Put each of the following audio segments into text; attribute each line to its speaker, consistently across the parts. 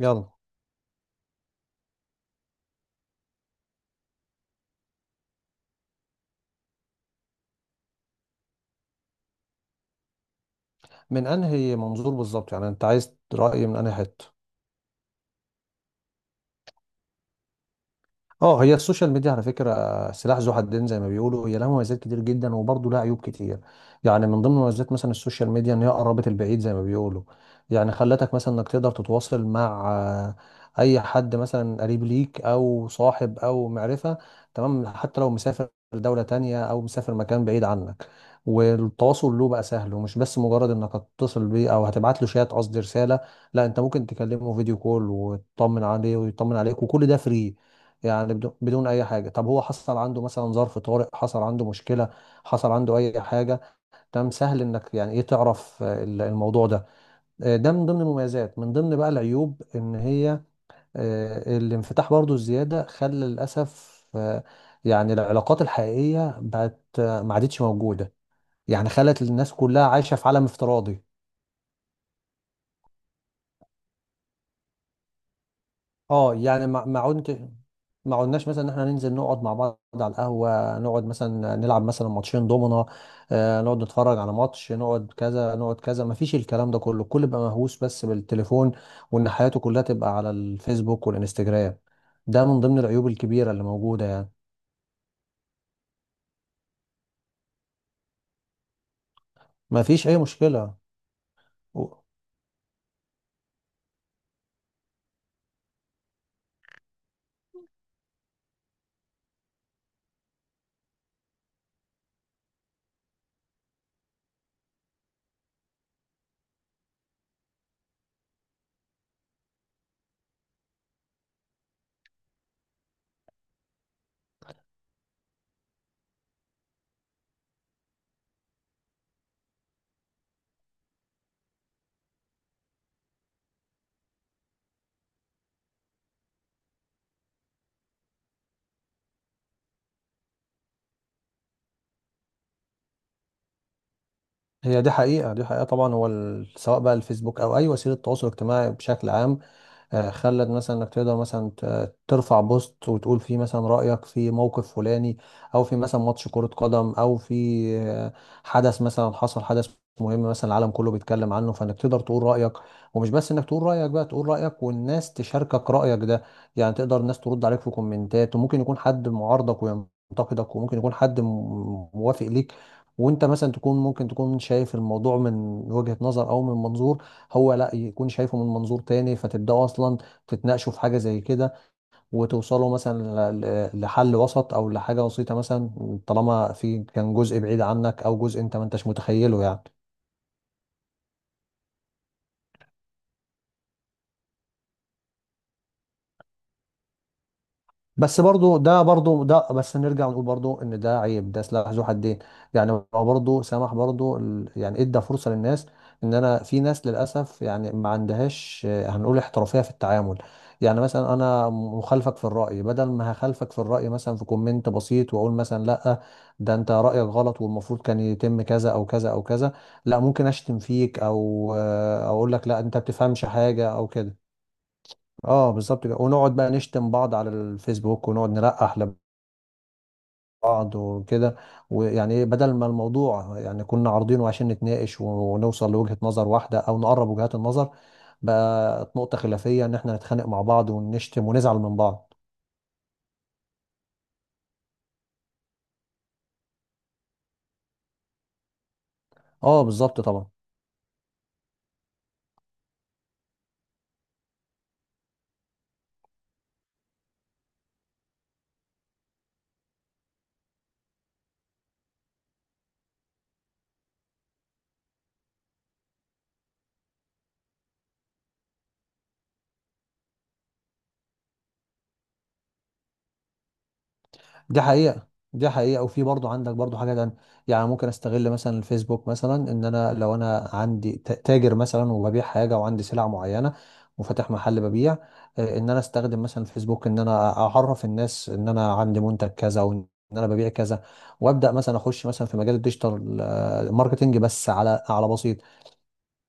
Speaker 1: يلا، من انهي منظور بالظبط؟ يعني انت عايز رأي من انهي حتة؟ اه، هي السوشيال ميديا على فكره سلاح ذو حدين زي ما بيقولوا. هي لها مميزات كتير جدا وبرضه لها عيوب كتير. يعني من ضمن مميزات مثلا السوشيال ميديا ان هي قربت البعيد زي ما بيقولوا. يعني خلتك مثلا انك تقدر تتواصل مع اي حد مثلا قريب ليك او صاحب او معرفه. تمام، حتى لو مسافر دوله تانية او مسافر مكان بعيد عنك، والتواصل له بقى سهل. ومش بس مجرد انك هتتصل بيه او هتبعت له شات، قصدي رساله، لا، انت ممكن تكلمه فيديو كول وتطمن عليه ويطمن عليك، وكل ده فري. يعني بدون اي حاجه. طب هو حصل عنده مثلا ظرف طارئ، حصل عنده مشكله، حصل عنده اي حاجه، تمام، سهل انك يعني ايه تعرف الموضوع ده. ده من ضمن المميزات. من ضمن بقى العيوب ان هي الانفتاح برضو الزياده خلى للاسف يعني العلاقات الحقيقيه بقت ما عادتش موجوده. يعني خلت الناس كلها عايشه في عالم افتراضي. اه، يعني ما عدت ما قلناش مثلا ان احنا ننزل نقعد مع بعض على القهوه، نقعد مثلا نلعب مثلا ماتشين دومنا، آه، نقعد نتفرج على ماتش، نقعد كذا نقعد كذا. ما فيش الكلام ده كله. الكل بقى مهووس بس بالتليفون، وان حياته كلها تبقى على الفيسبوك والانستجرام. ده من ضمن العيوب الكبيره اللي موجوده يعني. ما فيش اي مشكله. و- هي دي حقيقه، دي حقيقه طبعا. هو سواء بقى الفيسبوك او اي وسيله تواصل اجتماعي بشكل عام، خلت مثلا انك تقدر مثلا ترفع بوست وتقول فيه مثلا رأيك في موقف فلاني، او في مثلا ماتش كرة قدم، او في آه، حدث مثلا، حصل حدث مهم مثلا العالم كله بيتكلم عنه، فانك تقدر تقول رأيك. ومش بس انك تقول رأيك بقى، تقول رأيك والناس تشاركك رأيك ده. يعني تقدر الناس ترد عليك في كومنتات، وممكن يكون حد معارضك وينتقدك، وممكن يكون حد موافق ليك. وانت مثلا تكون ممكن تكون شايف الموضوع من وجهة نظر او من منظور، هو لا يكون شايفه من منظور تاني، فتبداوا اصلا تتناقشوا في حاجه زي كده، وتوصلوا مثلا لحل وسط او لحاجه بسيطه مثلا، طالما في كان جزء بعيد عنك او جزء انت ما انتش متخيله يعني. بس برضو ده بس نرجع ونقول برضو ان ده عيب، ده سلاح ذو حدين. يعني هو برضو سمح، برضو يعني ادى فرصة للناس، ان انا في ناس للاسف يعني ما عندهاش هنقول احترافية في التعامل. يعني مثلا انا مخالفك في الرأي، بدل ما هخالفك في الرأي مثلا في كومنت بسيط واقول مثلا لا، ده انت رأيك غلط والمفروض كان يتم كذا او كذا او كذا، لا، ممكن اشتم فيك او اقول لك لا، انت بتفهمش حاجة او كده. اه، بالظبط كده. ونقعد بقى نشتم بعض على الفيسبوك، ونقعد نلقح لبعض وكده. ويعني ايه، بدل ما الموضوع يعني كنا عارضينه عشان نتناقش ونوصل لوجهة نظر واحدة او نقرب وجهات النظر، بقت نقطة خلافية ان احنا نتخانق مع بعض ونشتم ونزعل من بعض. اه، بالظبط طبعا. دي حقيقة، دي حقيقة. وفي برضو عندك برضو حاجة تانية. يعني ممكن استغل مثلا الفيسبوك مثلا، ان انا لو انا عندي تاجر مثلا وببيع حاجة وعندي سلع معينة وفاتح محل ببيع، ان انا استخدم مثلا الفيسبوك ان انا اعرف الناس ان انا عندي منتج كذا وان انا ببيع كذا، وابدا مثلا اخش مثلا في مجال الديجيتال ماركتينج بس على بسيط.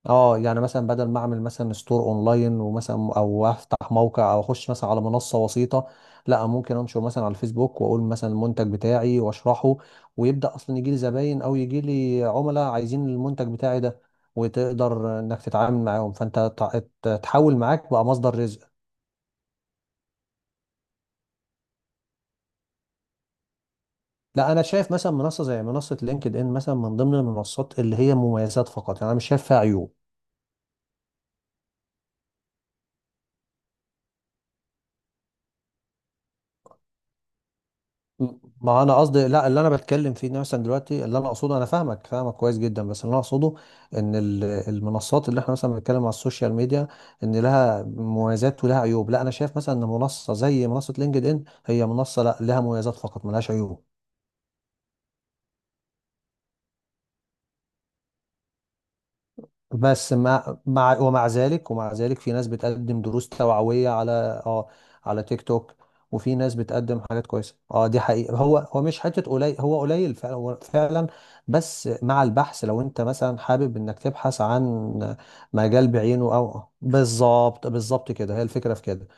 Speaker 1: اه، يعني مثلا بدل ما اعمل مثلا ستور اونلاين ومثلا او افتح موقع او اخش مثلا على منصه وسيطه، لا، ممكن انشر مثلا على الفيسبوك واقول مثلا المنتج بتاعي واشرحه، ويبدا اصلا يجي لي زباين او يجي لي عملاء عايزين المنتج بتاعي ده، وتقدر انك تتعامل معاهم، فانت تحول معاك بقى مصدر رزق. لا، انا شايف مثلا منصه زي منصه لينكد ان مثلا من ضمن المنصات اللي هي مميزات فقط، يعني انا مش شايف فيها عيوب. م- ما انا قصدي لا، اللي انا بتكلم فيه إن مثلا دلوقتي اللي انا اقصده، انا فاهمك، فاهمك كويس جدا، بس اللي انا اقصده ان المنصات اللي احنا مثلا بنتكلم على السوشيال ميديا ان لها مميزات ولها عيوب، لا انا شايف مثلا ان منصه زي منصه لينكد ان هي منصه لا لها مميزات فقط، ملهاش عيوب. بس مع مع ومع ذلك ومع ذلك في ناس بتقدم دروس توعوية على، اه، على تيك توك. وفي ناس بتقدم حاجات كويسة. اه، دي حقيقة. هو هو مش حتة قليل، هو قليل فعلا، هو فعلا. بس مع البحث، لو انت مثلا حابب انك تبحث عن مجال بعينه، او بالظبط بالظبط كده، هي الفكرة في كده.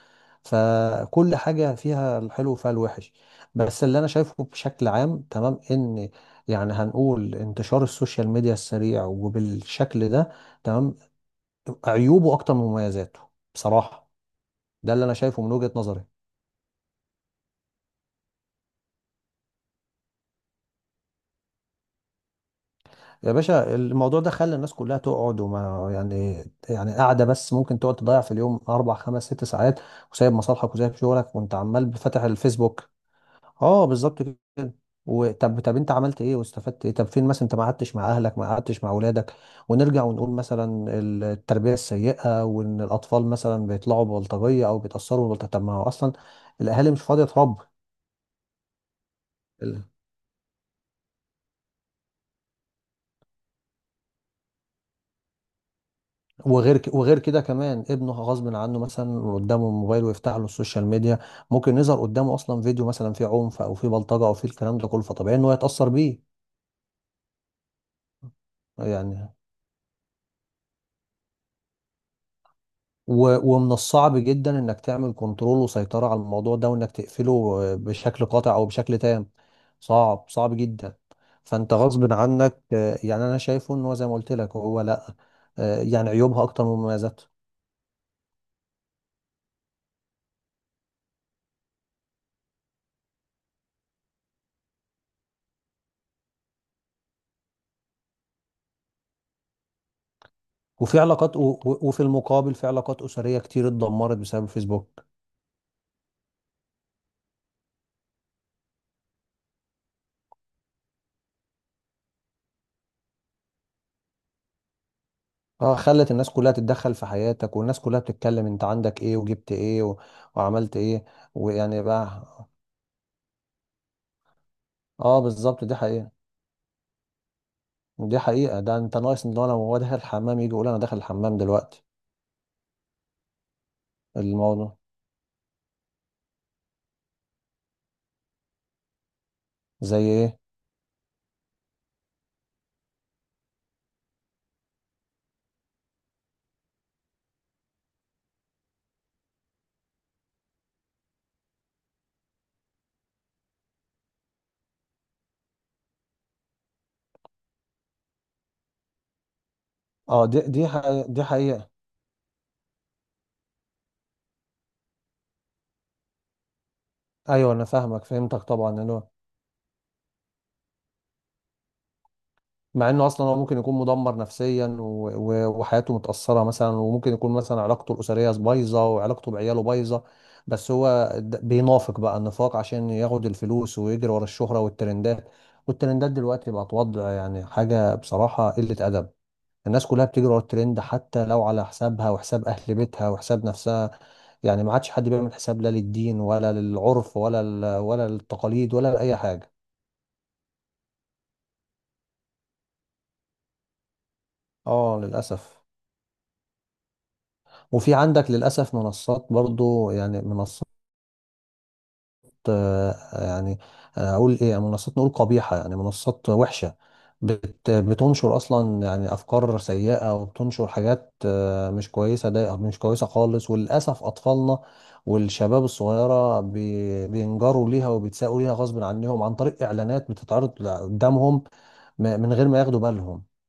Speaker 1: فكل حاجة فيها الحلو وفيها الوحش. بس اللي أنا شايفه بشكل عام، تمام، إن يعني هنقول انتشار السوشيال ميديا السريع وبالشكل ده، تمام، عيوبه أكتر من مميزاته بصراحة. ده اللي أنا شايفه من وجهة نظري. يا باشا، الموضوع ده خلى الناس كلها تقعد وما يعني، يعني قاعدة بس ممكن تقعد تضيع في اليوم أربع خمس ست ساعات، وسايب مصالحك وسايب شغلك وأنت عمال فاتح الفيسبوك. اه، بالظبط كده. وطب، طب انت عملت ايه واستفدت ايه؟ طب فين مثلا؟ انت ما قعدتش مع اهلك، ما قعدتش مع اولادك. ونرجع ونقول مثلا التربيه السيئه، وان الاطفال مثلا بيطلعوا ببلطجيه او بيتاثروا ببلطجيه. طب ما هو اصلا الاهالي مش فاضيه تربي. ال- وغير وغير كده كمان، ابنه غصب عنه مثلا قدامه الموبايل ويفتح له السوشيال ميديا، ممكن يظهر قدامه اصلا فيديو مثلا فيه عنف او فيه بلطجه او فيه الكلام ده كله، فطبيعي ان هو يتاثر بيه. يعني ومن الصعب جدا انك تعمل كنترول وسيطرة على الموضوع ده، وانك تقفله بشكل قاطع او بشكل تام. صعب، صعب جدا. فانت غصب عنك، يعني انا شايفه ان هو زي ما قلت لك هو لا، يعني عيوبها اكتر من مميزاتها. وفي علاقات وفي المقابل في علاقات اسريه كتير اتدمرت بسبب الفيسبوك. اه، خلت الناس كلها تتدخل في حياتك، والناس كلها بتتكلم انت عندك ايه وجبت ايه وعملت ايه. ويعني بقى، اه، بالظبط، دي حقيقة، دي حقيقة. ده انت ناقص ان هو لو هو داخل الحمام يجي يقول انا داخل الحمام دلوقتي. الموضوع زي ايه؟ اه، دي دي حقيقة، دي حقيقة. ايوه، انا فاهمك، فهمتك طبعا، ان هو مع انه اصلا هو ممكن يكون مدمر نفسيا و... و... وحياته متأثرة مثلا، وممكن يكون مثلا علاقته الأسرية بايظة وعلاقته بعياله بايظة، بس هو بينافق بقى، النفاق عشان ياخد الفلوس ويجري ورا الشهرة والترندات. والترندات دلوقتي بقت وضع، يعني حاجة بصراحة قلة أدب. الناس كلها بتجري ورا الترند حتى لو على حسابها وحساب اهل بيتها وحساب نفسها. يعني ما عادش حد بيعمل حساب لا للدين ولا للعرف ولا ولا التقاليد ولا لاي حاجه. اه، للاسف. وفي عندك للاسف منصات، برضو يعني منصات، يعني، اقول ايه، منصات نقول قبيحه، يعني منصات وحشه، بتنشر اصلا يعني افكار سيئه، وبتنشر حاجات مش كويسه، ده مش كويسه خالص. وللاسف اطفالنا والشباب الصغيره بينجروا ليها وبيتساقوا ليها غصب عنهم، عن طريق اعلانات بتتعرض قدامهم من غير ما ياخدوا بالهم.